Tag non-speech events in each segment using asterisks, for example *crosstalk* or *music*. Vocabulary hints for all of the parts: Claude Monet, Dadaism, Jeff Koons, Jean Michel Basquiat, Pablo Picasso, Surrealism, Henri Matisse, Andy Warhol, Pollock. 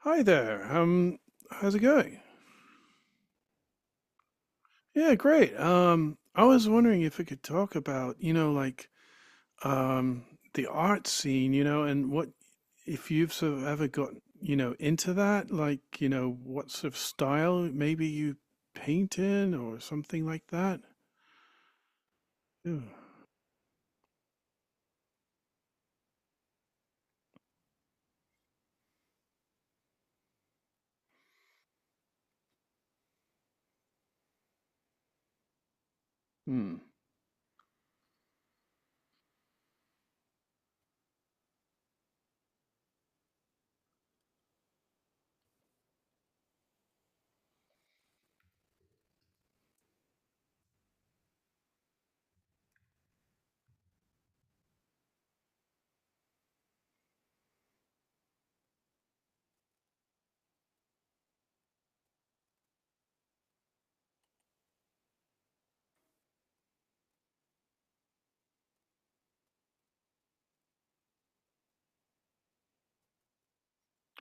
Hi there. How's it going? Yeah, great. I was wondering if we could talk about, you know, like, um, the art scene, you know, and what if you've sort of ever got, you know, into that, like, you know, what sort of style maybe you paint in or something like that. Yeah. Hmm.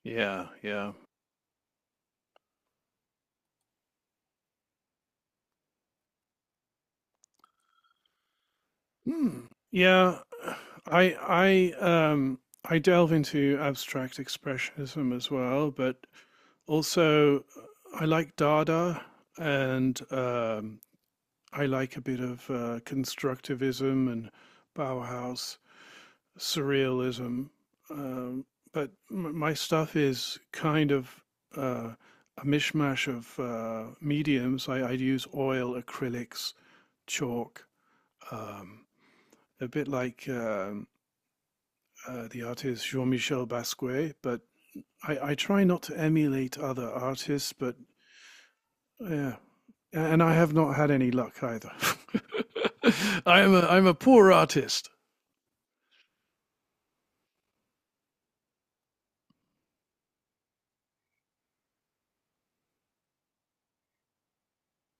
Yeah, yeah. Hmm. Yeah, *sighs* I I delve into abstract expressionism as well, but also, I like Dada, and I like a bit of constructivism and Bauhaus surrealism. Um, but my stuff is kind of uh, a mishmash of mediums. I'd use oil, acrylics, chalk, um, a bit like the artist Jean Michel Basquiat. But I try not to emulate other artists, but yeah, and I have not had any luck either. *laughs* I am I'm a poor artist.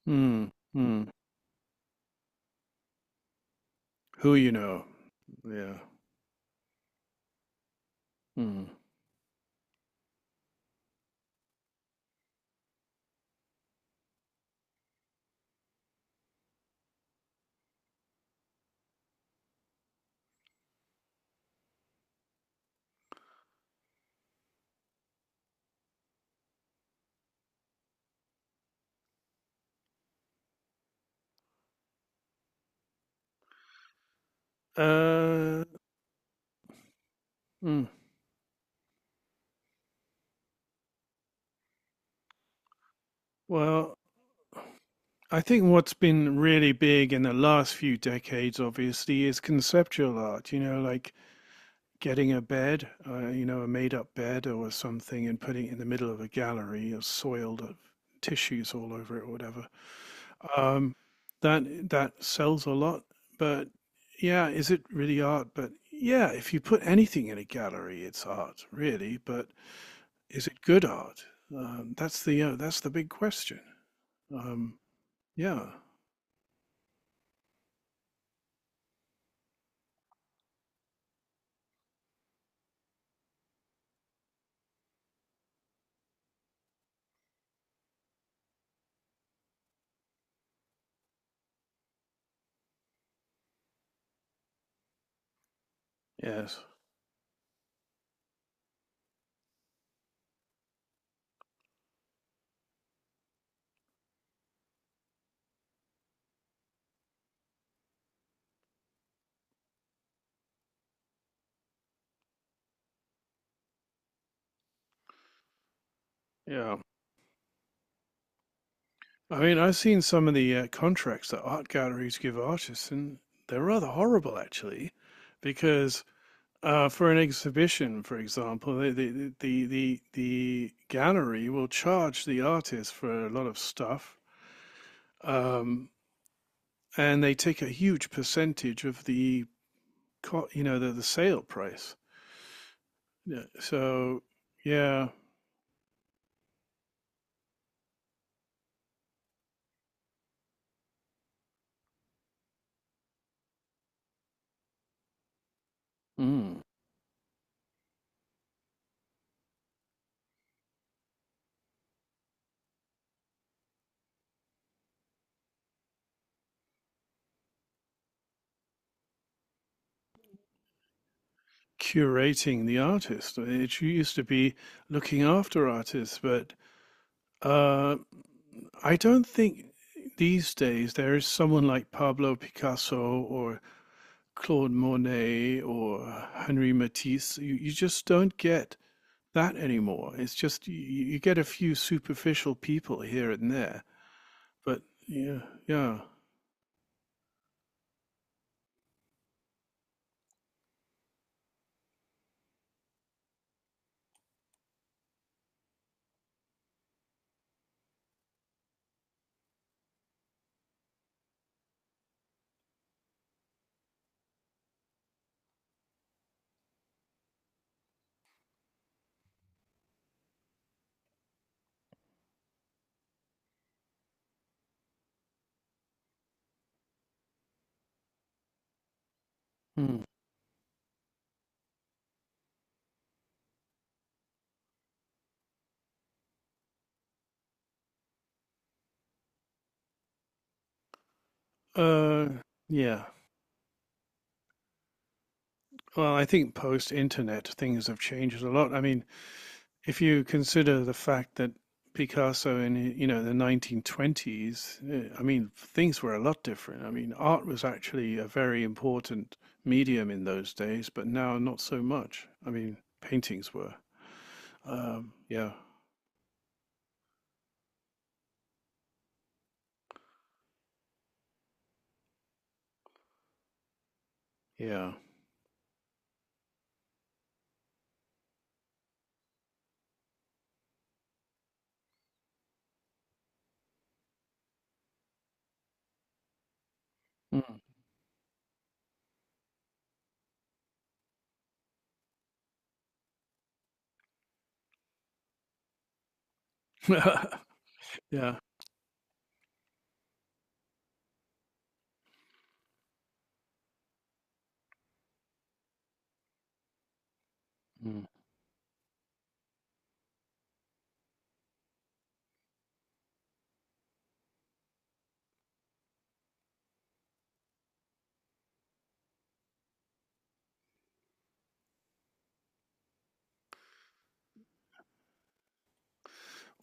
Hmm. Hmm. Who you know? Yeah. Hmm. Uh. Mm. Well, I think what's been really big in the last few decades, obviously, is conceptual art. You know, like getting a bed, you know, a made-up bed or something, and putting it in the middle of a gallery or soiled of tissues all over it or whatever. Um, that sells a lot, but yeah, is it really art? But yeah, if you put anything in a gallery, it's art, really. But is it good art? That's the that's the big question. Um, yeah. Yes. Yeah. I mean, I've seen some of the contracts that art galleries give artists, and they're rather horrible, actually, because for an exhibition, for example, the gallery will charge the artist for a lot of stuff, um, and they take a huge percentage of the you know the sale price. Yeah. So yeah, mm. curating the artist. It used to be looking after artists, but uh, I don't think these days there is someone like Pablo Picasso or Claude Monet or Henri Matisse. You just don't get that anymore. It's just you get a few superficial people here and there, but yeah, yeah. Hmm. Uh, yeah. Well, I think post internet things have changed a lot. I mean, if you consider the fact that Picasso in you know the 1920s, I mean things were a lot different. I mean art was actually a very important medium in those days, but now not so much. I mean paintings were. Yeah, yeah, mm. *laughs* Yeah. Mm.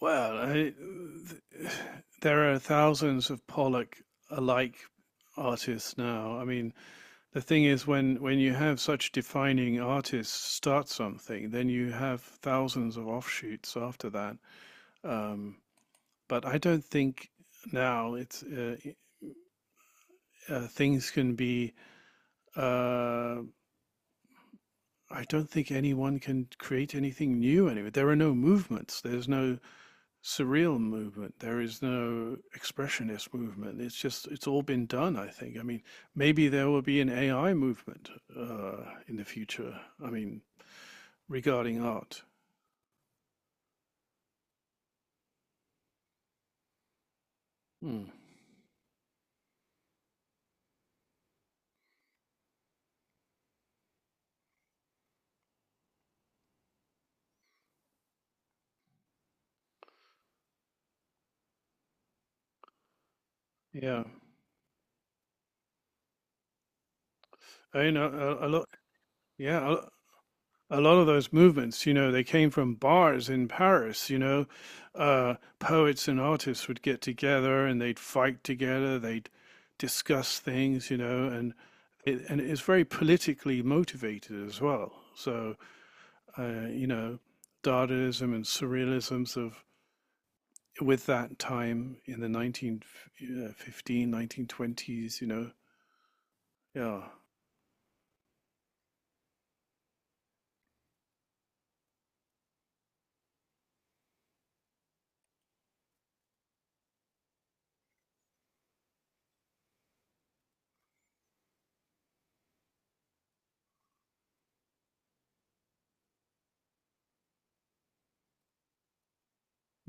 Well, there are thousands of Pollock alike artists now. I mean, the thing is when you have such defining artists start something then you have thousands of offshoots after that um, but I don't think now it's things can be uh, I don't think anyone can create anything new anyway there are no movements there's no surreal movement there is no expressionist movement it's just it's all been done I think I mean maybe there will be an AI movement uh, in the future I mean regarding art. Hmm. Yeah, I know a lot. Yeah, a lot of those movements, you know, they came from bars in Paris. You know, poets and artists would get together and they'd fight together. They'd discuss things, you know, and and it's very politically motivated as well. So, you know, Dadaism and Surrealism's of with that time in the 1915, 1920s, you know, yeah.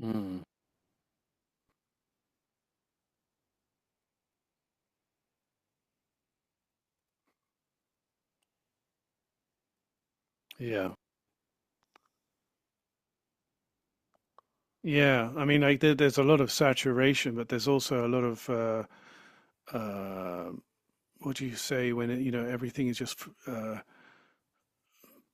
Hmm. Yeah. Yeah, I mean, like there, there's a lot of saturation, but there's also a lot of uh, what do you say when it, you know everything is just uh,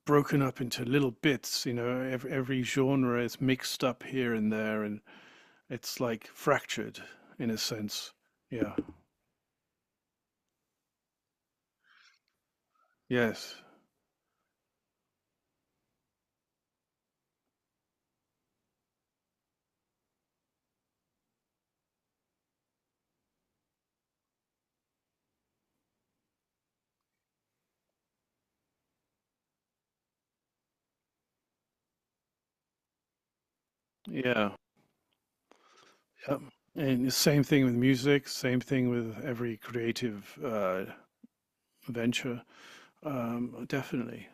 broken up into little bits. You know, every genre is mixed up here and there, and it's like fractured in a sense. Yeah. Yes. Yeah. Yep. And the same thing with music. Same thing with every creative venture. Definitely.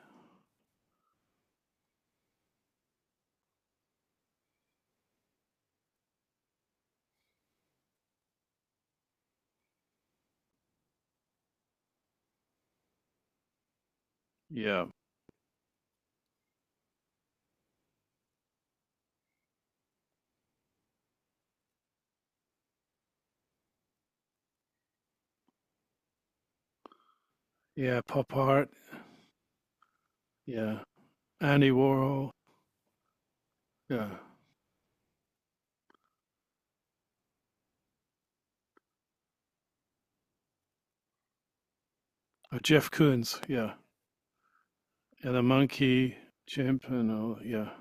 Yeah. Yeah. Pop art. Yeah. Andy Warhol. Yeah. Jeff Koons. Yeah. And a monkey, chimp, and all. Yeah.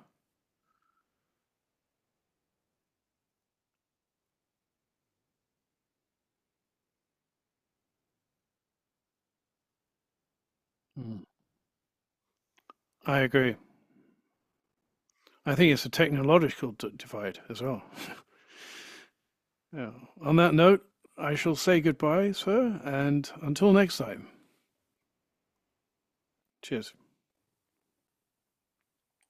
Mm. I agree. I think it's a technological divide as well. *laughs* Yeah. On that note, I shall say goodbye, sir, and until next time. Cheers.